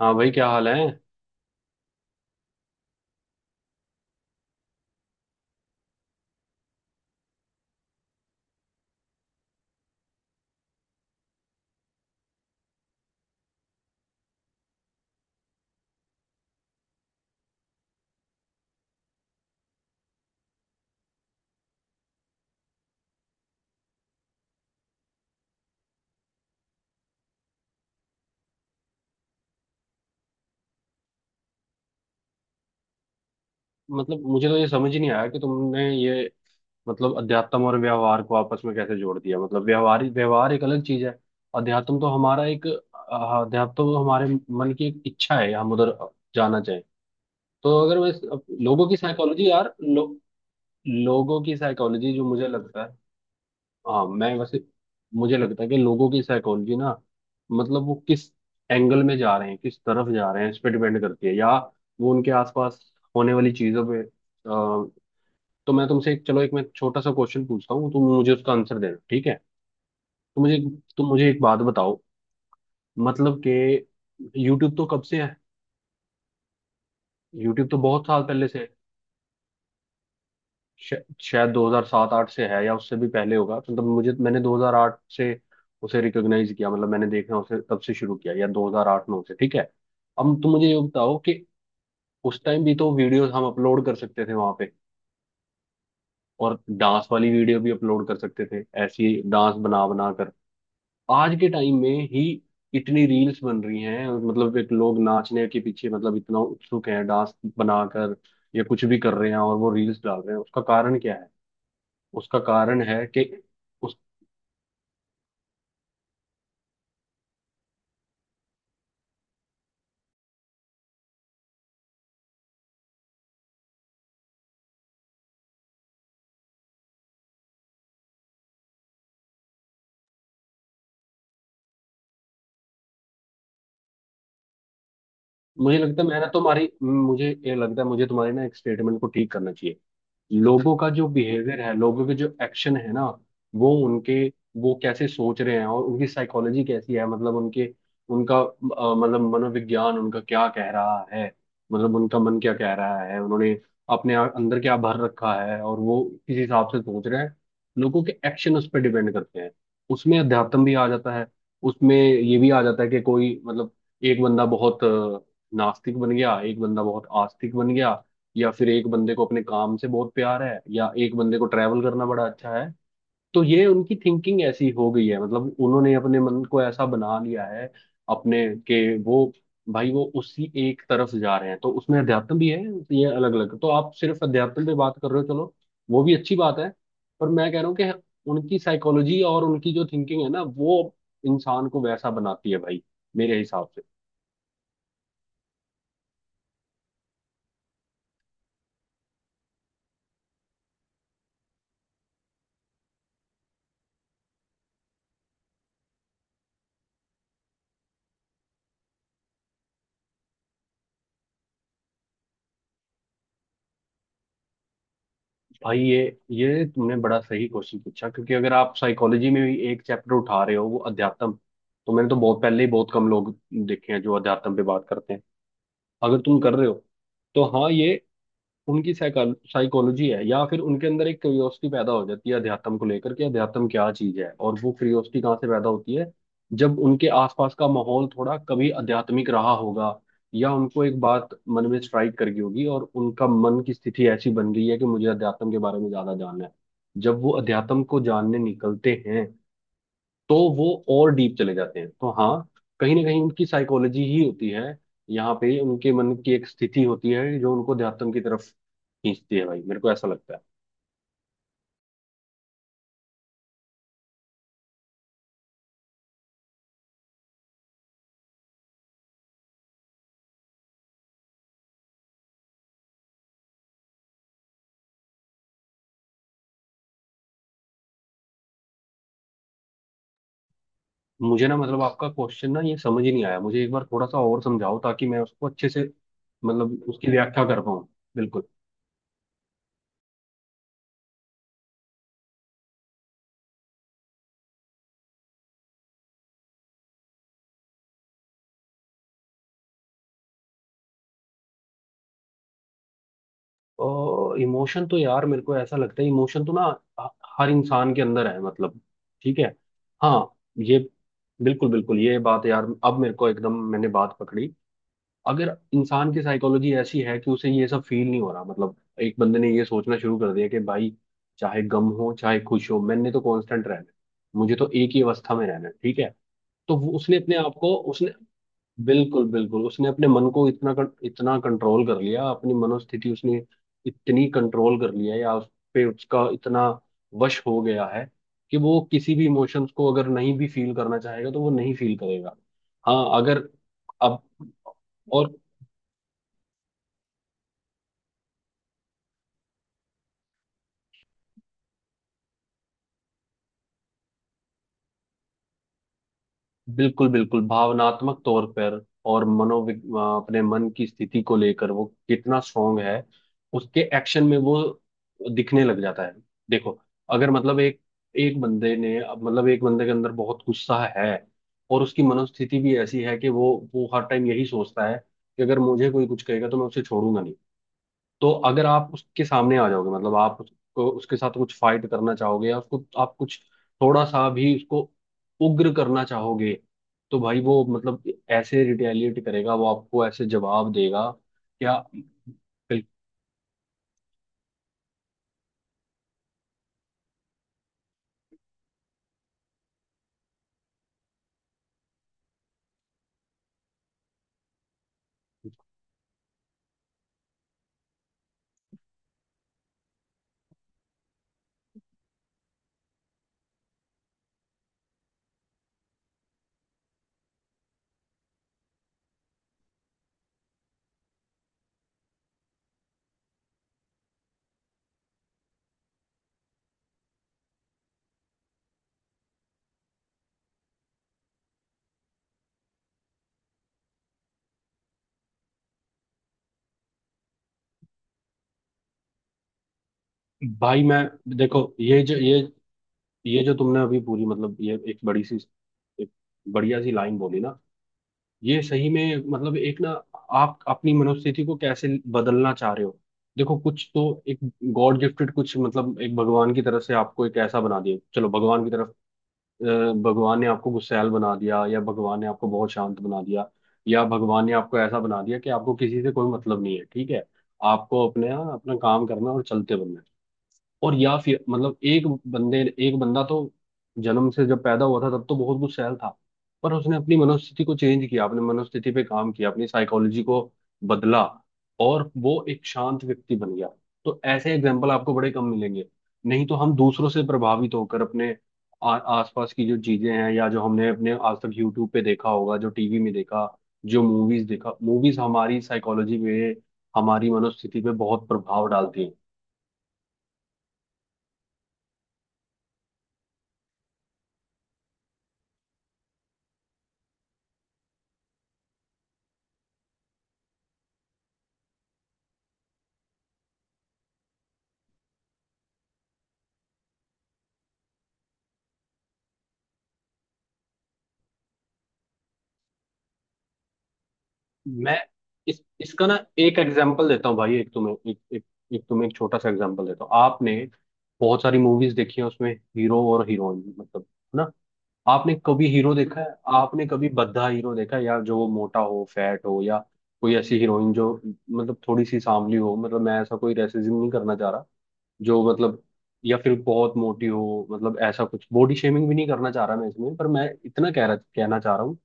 हाँ भाई, क्या हाल है। मतलब मुझे तो ये समझ ही नहीं आया कि तुमने ये मतलब अध्यात्म और व्यवहार को आपस में कैसे जोड़ दिया। मतलब व्यवहार व्यवहार एक अलग चीज है। अध्यात्म तो हमारा एक अध्यात्म तो हमारे मन की एक इच्छा है, हम उधर जाना चाहें। तो अगर मैं लोगों की साइकोलॉजी, लोगों की साइकोलॉजी जो मुझे लगता है। हाँ, मैं वैसे मुझे लगता है कि लोगों की साइकोलॉजी ना, मतलब वो किस एंगल में जा रहे हैं, किस तरफ जा रहे हैं, इस पे डिपेंड करती है। या वो उनके आसपास होने वाली चीजों पे तो मैं तुमसे एक, चलो एक मैं छोटा सा क्वेश्चन पूछता हूँ, तुम मुझे उसका आंसर देना, ठीक है। तो मुझे, तुम मुझे एक बात बताओ, मतलब कि यूट्यूब तो कब से है, यूट्यूब तो बहुत साल पहले से है। श- शायद 2007-8 से है, या उससे भी पहले होगा। मतलब मुझे, मैंने 2008 से उसे रिकॉग्नाइज किया, मतलब मैंने देखना उसे तब से शुरू किया, या 2008-9 से, ठीक है। अब तुम मुझे ये बताओ कि उस टाइम भी तो वीडियोस हम अपलोड कर सकते थे वहां पे, और डांस वाली वीडियो भी अपलोड कर सकते थे, ऐसी डांस बना बना कर। आज के टाइम में ही इतनी रील्स बन रही हैं, और मतलब एक लोग नाचने के पीछे, मतलब इतना उत्सुक है, डांस बनाकर या कुछ भी कर रहे हैं और वो रील्स डाल रहे हैं, उसका कारण क्या है। उसका कारण है कि उस मुझे लगता है, मैं ना तुम्हारी मुझे ये लगता है मुझे तुम्हारे ना एक स्टेटमेंट को ठीक करना चाहिए। लोगों का जो बिहेवियर है, लोगों के जो एक्शन है ना, वो उनके वो कैसे सोच रहे हैं और उनकी साइकोलॉजी कैसी है, मतलब उनके, उनका मतलब मनोविज्ञान उनका क्या कह रहा है, मतलब उनका मन क्या कह रहा है, उन्होंने अपने अंदर क्या भर रखा है और वो किस हिसाब से सोच रहे हैं, लोगों के एक्शन उस पर डिपेंड करते हैं। उसमें अध्यात्म भी आ जाता है, उसमें ये भी आ जाता है कि कोई मतलब एक बंदा बहुत नास्तिक बन गया, एक बंदा बहुत आस्तिक बन गया, या फिर एक बंदे को अपने काम से बहुत प्यार है, या एक बंदे को ट्रैवल करना बड़ा अच्छा है। तो ये उनकी थिंकिंग ऐसी हो गई है, मतलब उन्होंने अपने मन को ऐसा बना लिया है। अपने के वो, भाई वो उसी एक तरफ जा रहे हैं, तो उसमें अध्यात्म भी है। ये अलग अलग, तो आप सिर्फ अध्यात्म पे बात कर रहे हो, चलो वो भी अच्छी बात है। पर मैं कह रहा हूँ कि उनकी साइकोलॉजी और उनकी जो थिंकिंग है ना, वो इंसान को वैसा बनाती है भाई, मेरे हिसाब से। भाई ये तुमने बड़ा सही क्वेश्चन पूछा, क्योंकि अगर आप साइकोलॉजी में भी एक चैप्टर उठा रहे हो वो अध्यात्म, तो मैंने तो बहुत पहले ही बहुत कम लोग देखे हैं जो अध्यात्म पे बात करते हैं। अगर तुम कर रहे हो तो हाँ, ये उनकी साइकोलॉजी है, या फिर उनके अंदर एक क्यूरियोसिटी पैदा हो जाती है अध्यात्म को लेकर, कि अध्यात्म क्या चीज है। और वो क्यूरियोसिटी कहाँ से पैदा होती है, जब उनके आसपास का माहौल थोड़ा कभी आध्यात्मिक रहा होगा, या उनको एक बात मन में स्ट्राइक कर गई होगी, और उनका मन की स्थिति ऐसी बन गई है कि मुझे अध्यात्म के बारे में ज्यादा जानना है। जब वो अध्यात्म को जानने निकलते हैं, तो वो और डीप चले जाते हैं। तो हाँ, कहीं ना कहीं उनकी साइकोलॉजी ही होती है, यहाँ पे उनके मन की एक स्थिति होती है जो उनको अध्यात्म की तरफ खींचती है भाई, मेरे को ऐसा लगता है। मुझे ना, मतलब आपका क्वेश्चन ना ये समझ ही नहीं आया मुझे, एक बार थोड़ा सा और समझाओ, ताकि मैं उसको अच्छे से मतलब उसकी व्याख्या कर पाऊँ। बिल्कुल। और इमोशन तो यार मेरे को ऐसा लगता है, इमोशन तो ना ह- हर इंसान के अंदर है, मतलब ठीक है। हाँ। ये बिल्कुल बिल्कुल ये बात यार, अब मेरे को एकदम मैंने बात पकड़ी। अगर इंसान की साइकोलॉजी ऐसी है कि उसे ये सब फील नहीं हो रहा, मतलब एक बंदे ने ये सोचना शुरू कर दिया कि भाई, चाहे गम हो चाहे खुश हो, मैंने तो कांस्टेंट रहना है, मुझे तो एक ही अवस्था में रहना है, ठीक है। तो वो उसने अपने आप को उसने, बिल्कुल बिल्कुल उसने अपने मन को इतना इतना कंट्रोल कर लिया, अपनी मनोस्थिति उसने इतनी कंट्रोल कर लिया, या उस पे उसका इतना वश हो गया है कि वो किसी भी इमोशंस को अगर नहीं भी फील करना चाहेगा तो वो नहीं फील करेगा। हाँ, अगर अब और बिल्कुल बिल्कुल भावनात्मक तौर पर, और अपने मन की स्थिति को लेकर वो कितना स्ट्रांग है, उसके एक्शन में वो दिखने लग जाता है। देखो, अगर मतलब एक, एक बंदे ने, अब मतलब एक बंदे के अंदर बहुत गुस्सा है, और उसकी मनोस्थिति भी ऐसी है कि वो हर टाइम यही सोचता है कि अगर मुझे कोई कुछ कहेगा तो मैं उसे छोड़ूंगा नहीं। तो अगर आप उसके सामने आ जाओगे, मतलब आप उसको उसके साथ कुछ फाइट करना चाहोगे, या उसको आप कुछ थोड़ा सा भी उसको उग्र करना चाहोगे, तो भाई वो मतलब ऐसे रिटेलिएट करेगा, वो आपको ऐसे जवाब देगा। क्या? भाई मैं, देखो ये जो ये जो तुमने अभी पूरी, मतलब ये एक बड़ी सी एक बढ़िया सी लाइन बोली ना, ये सही में मतलब एक ना, आप अपनी मनोस्थिति को कैसे बदलना चाह रहे हो। देखो कुछ तो एक गॉड गिफ्टेड, कुछ मतलब एक भगवान की तरफ से आपको एक ऐसा बना दिया, चलो भगवान की तरफ, अ, भगवान ने आपको गुस्सैल बना दिया, या भगवान ने आपको बहुत शांत बना दिया, या भगवान ने आपको ऐसा बना दिया कि आपको किसी से कोई मतलब नहीं है, ठीक है। आपको अपने अपना काम करना और चलते बनना है। और या फिर मतलब एक बंदे, एक बंदा तो जन्म से जब पैदा हुआ था, तब तो बहुत कुछ सहल था, पर उसने अपनी मनोस्थिति को चेंज किया, अपने मनोस्थिति पे काम किया, अपनी साइकोलॉजी को बदला, और वो एक शांत व्यक्ति बन गया। तो ऐसे एग्जाम्पल आपको बड़े कम मिलेंगे, नहीं तो हम दूसरों से प्रभावित होकर अपने आसपास की जो चीजें हैं, या जो हमने अपने आज तक यूट्यूब पे देखा होगा, जो टीवी में देखा, जो मूवीज देखा, मूवीज हमारी साइकोलॉजी पे, हमारी मनोस्थिति पे बहुत प्रभाव डालती हैं। मैं इस, इसका ना एक एग्जांपल देता हूँ भाई, एक तुम्हें एक छोटा सा एग्जांपल देता हूँ। आपने बहुत सारी मूवीज देखी है, उसमें हीरो और हीरोइन मतलब है ना, आपने कभी हीरो देखा है? आपने कभी भद्दा हीरो देखा है, या जो वो मोटा हो, फैट हो, या कोई ऐसी हीरोइन जो मतलब थोड़ी सी सांवली हो? मतलब मैं ऐसा कोई रेसिज्म नहीं करना चाह रहा, जो मतलब या फिर बहुत मोटी हो, मतलब ऐसा कुछ बॉडी शेमिंग भी नहीं करना चाह रहा मैं इसमें, पर मैं इतना कह रहा कहना चाह रहा हूँ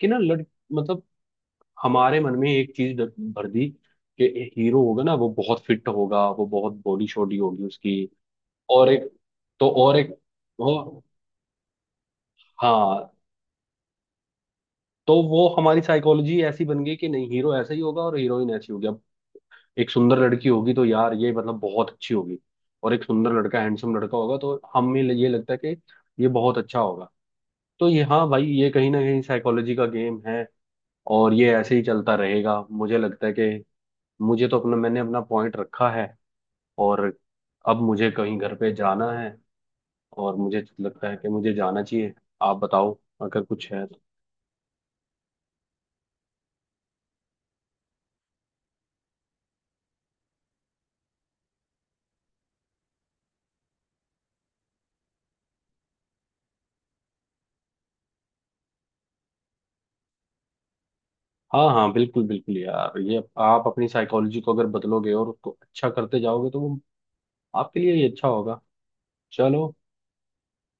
कि ना लड़, मतलब हमारे मन में एक चीज भर दी कि हीरो होगा ना वो बहुत फिट होगा, वो बहुत बॉडी शॉडी होगी उसकी। और एक तो, और एक वो, हाँ तो वो हमारी साइकोलॉजी ऐसी बन गई कि नहीं, हीरो ऐसा ही होगा और हीरोइन ऐसी होगी। अब एक सुंदर लड़की होगी तो यार ये मतलब बहुत अच्छी होगी, और एक सुंदर लड़का, हैंडसम लड़का होगा तो हमें ये लगता है कि ये बहुत अच्छा होगा। तो ये, हाँ भाई ये कहीं ना कहीं साइकोलॉजी का गेम है, और ये ऐसे ही चलता रहेगा। मुझे लगता है कि मुझे तो अपना, मैंने अपना पॉइंट रखा है, और अब मुझे कहीं घर पे जाना है, और मुझे लगता है कि मुझे जाना चाहिए। आप बताओ, अगर कुछ है तो। हाँ हाँ, बिल्कुल बिल्कुल यार, ये आप अपनी साइकोलॉजी को अगर बदलोगे और उसको अच्छा करते जाओगे, तो वो आपके लिए ही अच्छा होगा। चलो,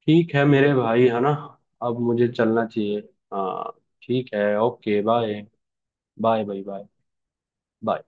ठीक है मेरे भाई, है ना। अब मुझे चलना चाहिए। हाँ, ठीक है, okay, bye. Bye bye. Bye.